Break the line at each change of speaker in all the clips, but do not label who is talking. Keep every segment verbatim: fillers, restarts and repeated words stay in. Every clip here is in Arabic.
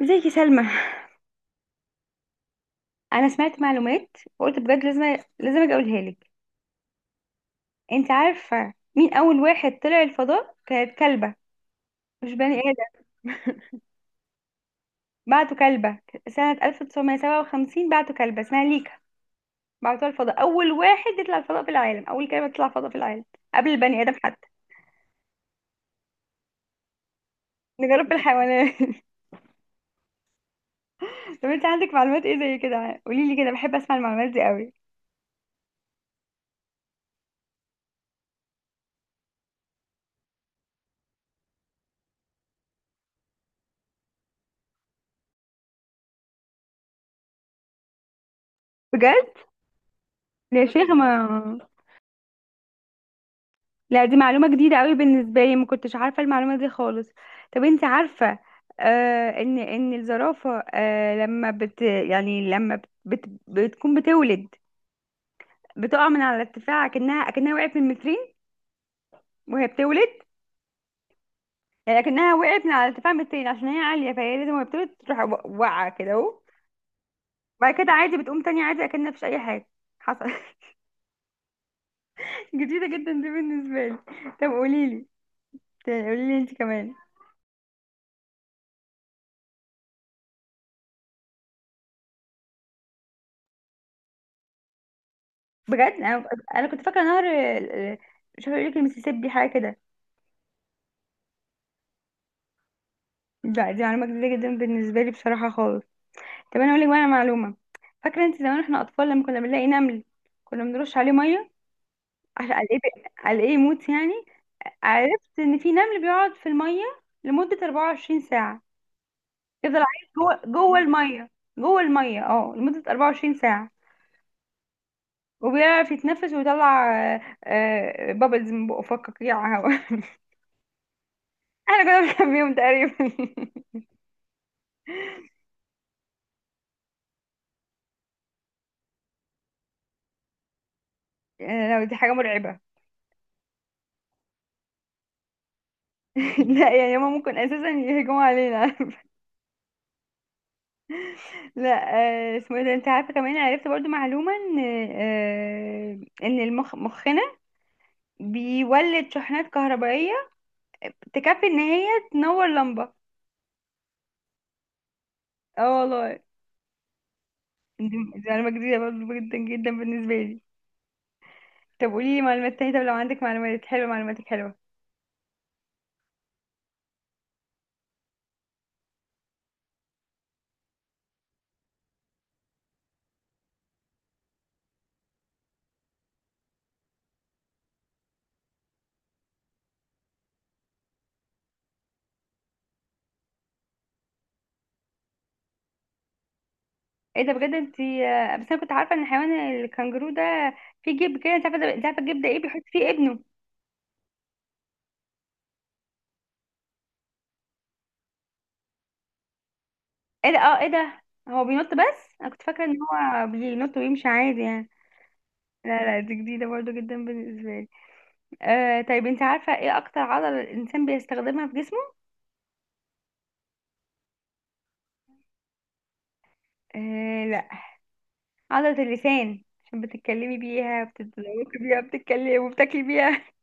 ازيك يا سلمى؟ انا سمعت معلومات وقلت بجد لازم لازم اجي اقولها لك. انت عارفه مين اول واحد طلع الفضاء؟ كانت كلبه، مش بني ادم. بعتوا كلبه سنه ألف وتسعمية سبعة وخمسين، بعتوا كلبه اسمها ليكا، بعتوها الفضاء، اول واحد يطلع الفضاء في العالم، اول كلبه تطلع الفضاء في العالم قبل البني ادم حتى. نجرب بالحيوانات. طب انت عندك معلومات ايه زي كده؟ قولي لي كده، بحب اسمع المعلومات دي قوي. بجد. يا شيخ ما. لا دي معلومة جديدة قوي بالنسبة لي، ما كنتش عارفة المعلومة دي خالص. طب انت عارفة؟ آه ان ان الزرافة آه لما بت يعني لما بت بت بتكون بتولد، بتقع من على ارتفاع كأنها كأنها وقعت من مترين وهي بتولد. يعني كأنها وقعت من على ارتفاع مترين عشان هي عالية، فهي لازم وهي بتولد تروح و- واقعة كده اهو. بعد كده عادي بتقوم تاني عادي، اكنها مفيش أي حاجة حصل. جديدة جدا دي بالنسبة لي. طب قوليلي قوليلي انت كمان. بجد انا انا كنت فاكره نهر، مش هقول لك المسيسيبي حاجه كده. لا دي معلومه جديده جدا بالنسبه لي بصراحه خالص. طب انا اقول لك بقى على معلومه، فاكره انت زمان احنا اطفال لما كنا بنلاقي نمل كنا بنرش عليه ميه، عشان على ايه؟ على ايه يموت يعني؟ عرفت ان في نمل بيقعد في الميه لمده أربعة وعشرين ساعة ساعه، يفضل عايش جوه جوه الميه، جوه الميه اه لمده أربعة وعشرين ساعة ساعه، وبيعرف يتنفس ويطلع بابلز من بقه، فكك يا هوا. احنا كنا بنخبيهم تقريبا. يعني لو دي حاجة مرعبة. لا يعني هما ممكن اساسا يهجموا علينا. لا. آه، اسمه ايه ده؟ انت عارفة كمان، عرفت برضو معلومة ان آه، ان المخ، مخنا بيولد شحنات كهربائية تكفي ان هي تنور لمبة. اه والله. دي دي معلومة جديدة برضو جدا جدا بالنسبة لي. طب قولي لي معلومات تانية، طب لو عندك معلومات حلوة، معلوماتك حلوة. ايه ده بجد. انت آه، بس انا كنت عارفة ان حيوان الكنجرو ده في جيب كده. انت عارفة ده- انت عارفة الجيب ده ايه؟ بيحط فيه ابنه. ايه ده، اه ايه ده. هو بينط بس، انا كنت فاكره ان هو بينط ويمشي عادي يعني. لا لا، دي جديده برضو جدا بالنسبه لي. آه طيب انت عارفه ايه اكتر عضله الانسان بيستخدمها في جسمه؟ آه لا. عضله اللسان، عشان بتتكلمي بيها، بتتذوقي بيها، بتتكلمي وبتاكلي بيها.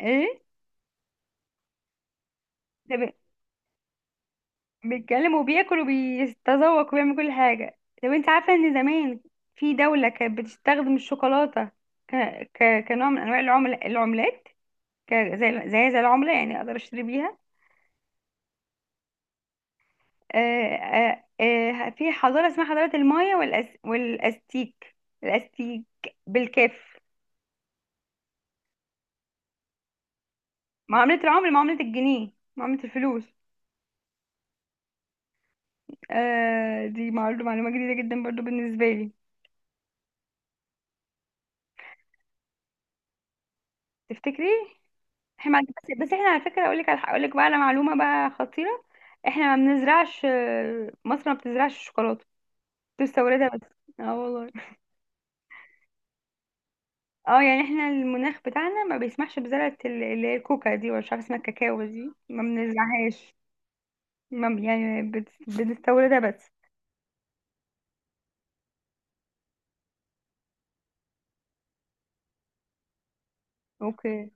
ايه ده، بي- بيتكلم وبياكل وبيتذوق وبيعمل كل حاجه. طب انت عارفه ان زمان في دوله كانت بتستخدم الشوكولاته ك... ك... كنوع من انواع العمل... العملات، ك- زي زي زي العمله، يعني اقدر اشتري بيها. آه، آه، آه، في حضارة اسمها حضارة المايا والأس... والأستيك، الأستيك بالكاف. معاملة العمر، معاملة الجنيه، معاملة الفلوس. آه دي معلومة معلومة جديدة جدا برضو بالنسبة لي. تفتكري؟ احنا بس, بس احنا على فكرة، اقول لك على اقول لك بقى على معلومة بقى خطيرة. احنا ما بنزرعش، آه، مصر ما بتزرعش الشوكولاتة، بتستوردها بس. اه والله. اه، يعني احنا المناخ بتاعنا ما بيسمحش بزراعة ال- اللي هي الكوكا دي، ولا مش عارفة اسمها، الكاكاو دي ما بنزرعهاش. ما- يعني بت- بنستوردها بس. اوكي.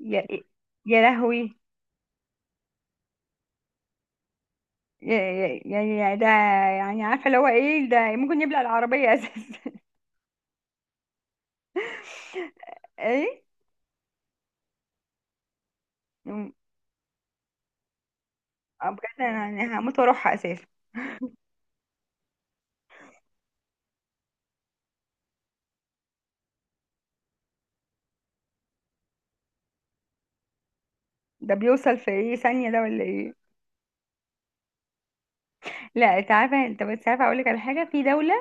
يا إيه، يا لهوي. يا- يا- يعني يعني ده، يعني عارفه اللي هو ايه ده، ممكن يبلع العربيه اساسا. ايه. أم- أه بجد، انا أنا هموت واروحها اساسا. ده بيوصل في ايه، ثانيه ده ولا ايه؟ لا انت عارفه، انت بس عارفه اقول لك على حاجه. في دوله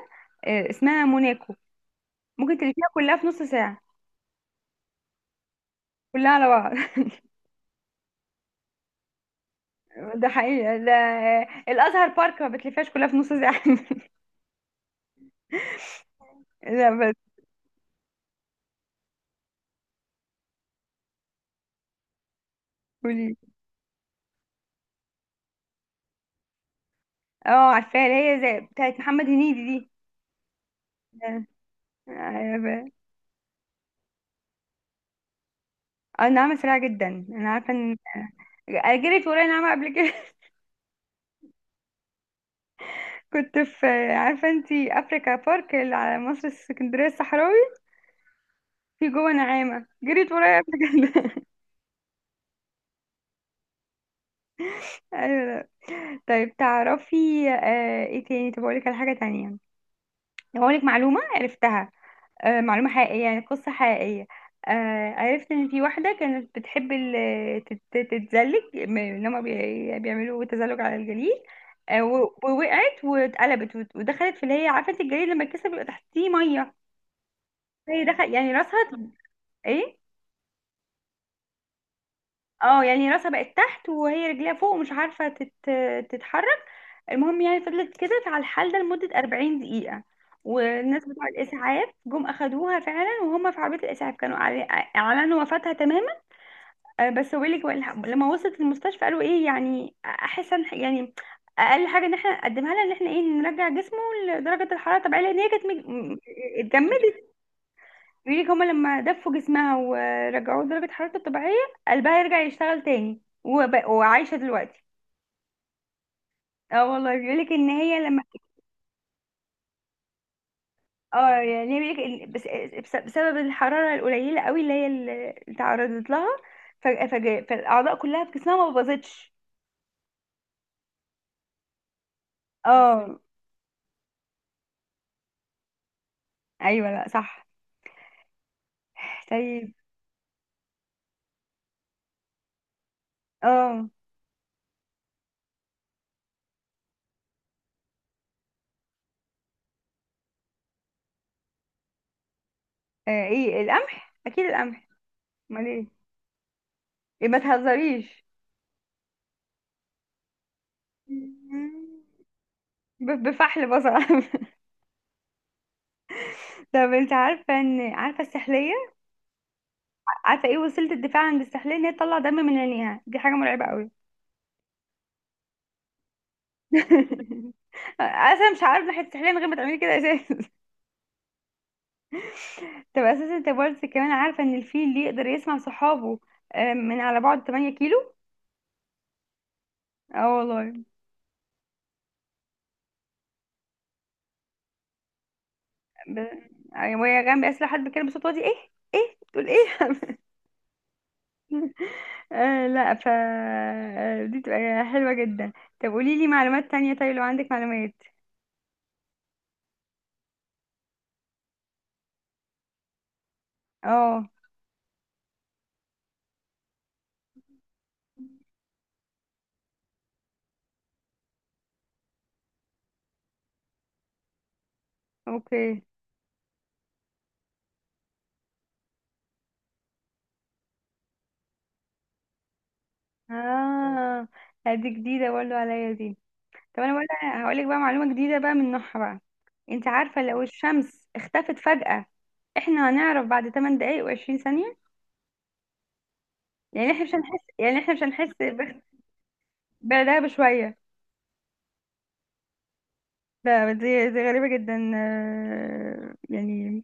آه، اسمها موناكو ممكن تلفيها كلها في نص ساعه. كلها على بعض. ده حقيقه ده، الازهر بارك ما بتلفهاش كلها في نص ساعه. لا بس. قولي. اه، عارفاها، اللي هي زي بتاعت محمد هنيدي دي. آه، آه، النعمة سريعة جدا، انا عارفة ان جريت ورايا نعمة قبل كده. كنت في، عارفة انتي افريكا بارك اللي على مصر السكندرية الصحراوي؟ في جوه نعامة جريت ورايا قبل كده. ايوه، لا. طيب تعرفي؟ آه، ايه تاني؟ طب اقولك على حاجة تانية، هقولك معلومة عرفتها. آه، معلومة حقيقية، يعني قصة حقيقية. آه، عرفت ان في واحدة كانت بتحب ال- تت- تت- تتزلج، م- ان هما بي- بيعملوا تزلج على الجليد. آه، و- ووقعت واتقلبت وت- ودخلت في، اللي هي عارفة انت الجليد لما يتكسر بيبقى تحتيه مية. هي دخل يعني راسها ت- ايه. اه، يعني راسها بقت تحت وهي رجليها فوق، ومش عارفة تت... تتحرك. المهم يعني فضلت كده على الحال ده لمدة 40 دقيقة، والناس بتوع الإسعاف جم أخدوها فعلا، وهم في عربية الإسعاف كانوا أعل- أعلنوا وفاتها تماما. آه، بس ويلي كمان، الح- لما وصلت المستشفى قالوا ايه؟ يعني احس ان يعني اقل حاجه ان احنا نقدمها لها، ان احنا ايه نرجع جسمه لدرجه الحراره الطبيعيه، لان هي كانت مج- م- اتجمدت. بيقول لك هما لما دفوا جسمها ورجعوه لدرجه حرارته الطبيعيه، قلبها يرجع يشتغل تاني وب- وعايشه دلوقتي. اه والله، بيقول لك ان هي لما، اه يعني بيقول لك إن بس بس- بسبب الحراره القليله قوي اللي هي اللي تعرضت لها، ف- فج- فالاعضاء كلها في جسمها ما باظتش. اه، ايوه، لا، صح. طيب. اه، آه، ايه؟ القمح، اكيد القمح. امال ايه؟ إيه، ما تهزريش. ب- بفحل بصل. طب انت عارفه ان، عارفه السحليه؟ عارفه ايه وسيله الدفاع عند السحليه؟ ان هي تطلع دم من عينيها، دي حاجه مرعبه قوي. اصلا مش عارف ناحيه السحليه من غير ما تعملي كده اساسا. طب اساسا، انت برضه كمان عارفه ان الفيل اللي يقدر يسمع صحابه آه، من على بعد 8 كيلو. اه والله. ب... وهي جنبي اساسا، لو حد بيتكلم بصوت واطي، ايه؟ ايه تقول، ايه؟ آه لا، ف آه، دي تبقى حلوة جدا. طب قولي لي معلومات تانية، طيب لو عندك معلومات. اه، اوكي، اه. لا، دي جديدة برضه عليا دي. طب انا بقول، هقول لك بقى معلومة جديدة بقى من نوعها بقى. انت عارفة لو الشمس اختفت فجأة، احنا هنعرف بعد 8 دقايق و20 ثانية، يعني احنا مش هنحس يعني احنا مش هنحس باخت- بردها بشوية. ده دي دي غريبة جدا، آه، يعني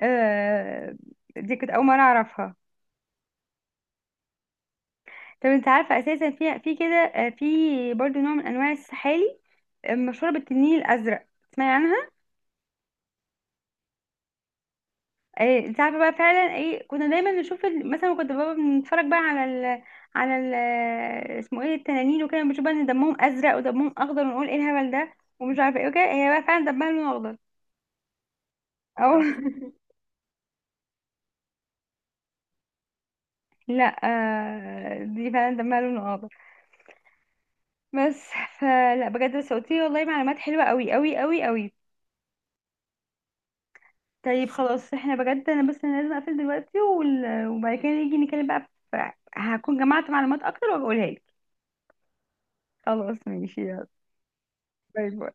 آه، دي كنت أول مرة أعرفها. طب انت عارفه اساسا في في كده، آه، في برضو نوع من انواع السحالي آه، مشهوره بالتنين الازرق، تسمعي عنها؟ آه، انت عارفه بقى فعلا، ايه كنا دايما نشوف ال- مثلا كنت بابا بنتفرج بقى على ال على ال آه، اسمه ايه؟ التنانين وكده، بنشوف بقى ان دمهم ازرق ودمهم اخضر، ونقول ايه الهبل ده ومش عارفه ايه وكده، هي بقى فعلا دمها لون اخضر. او. لا آه، دي فعلا دمها لون اخضر بس. فلا بجد، بس قلتيلي والله معلومات حلوه قوي قوي قوي قوي. طيب خلاص، احنا بجد، انا بس انا لازم اقفل دلوقتي وال- وبعد كده نيجي نتكلم بقى. في... هكون جمعت معلومات اكتر وبقولها لك. خلاص ماشي، يلا، باي باي.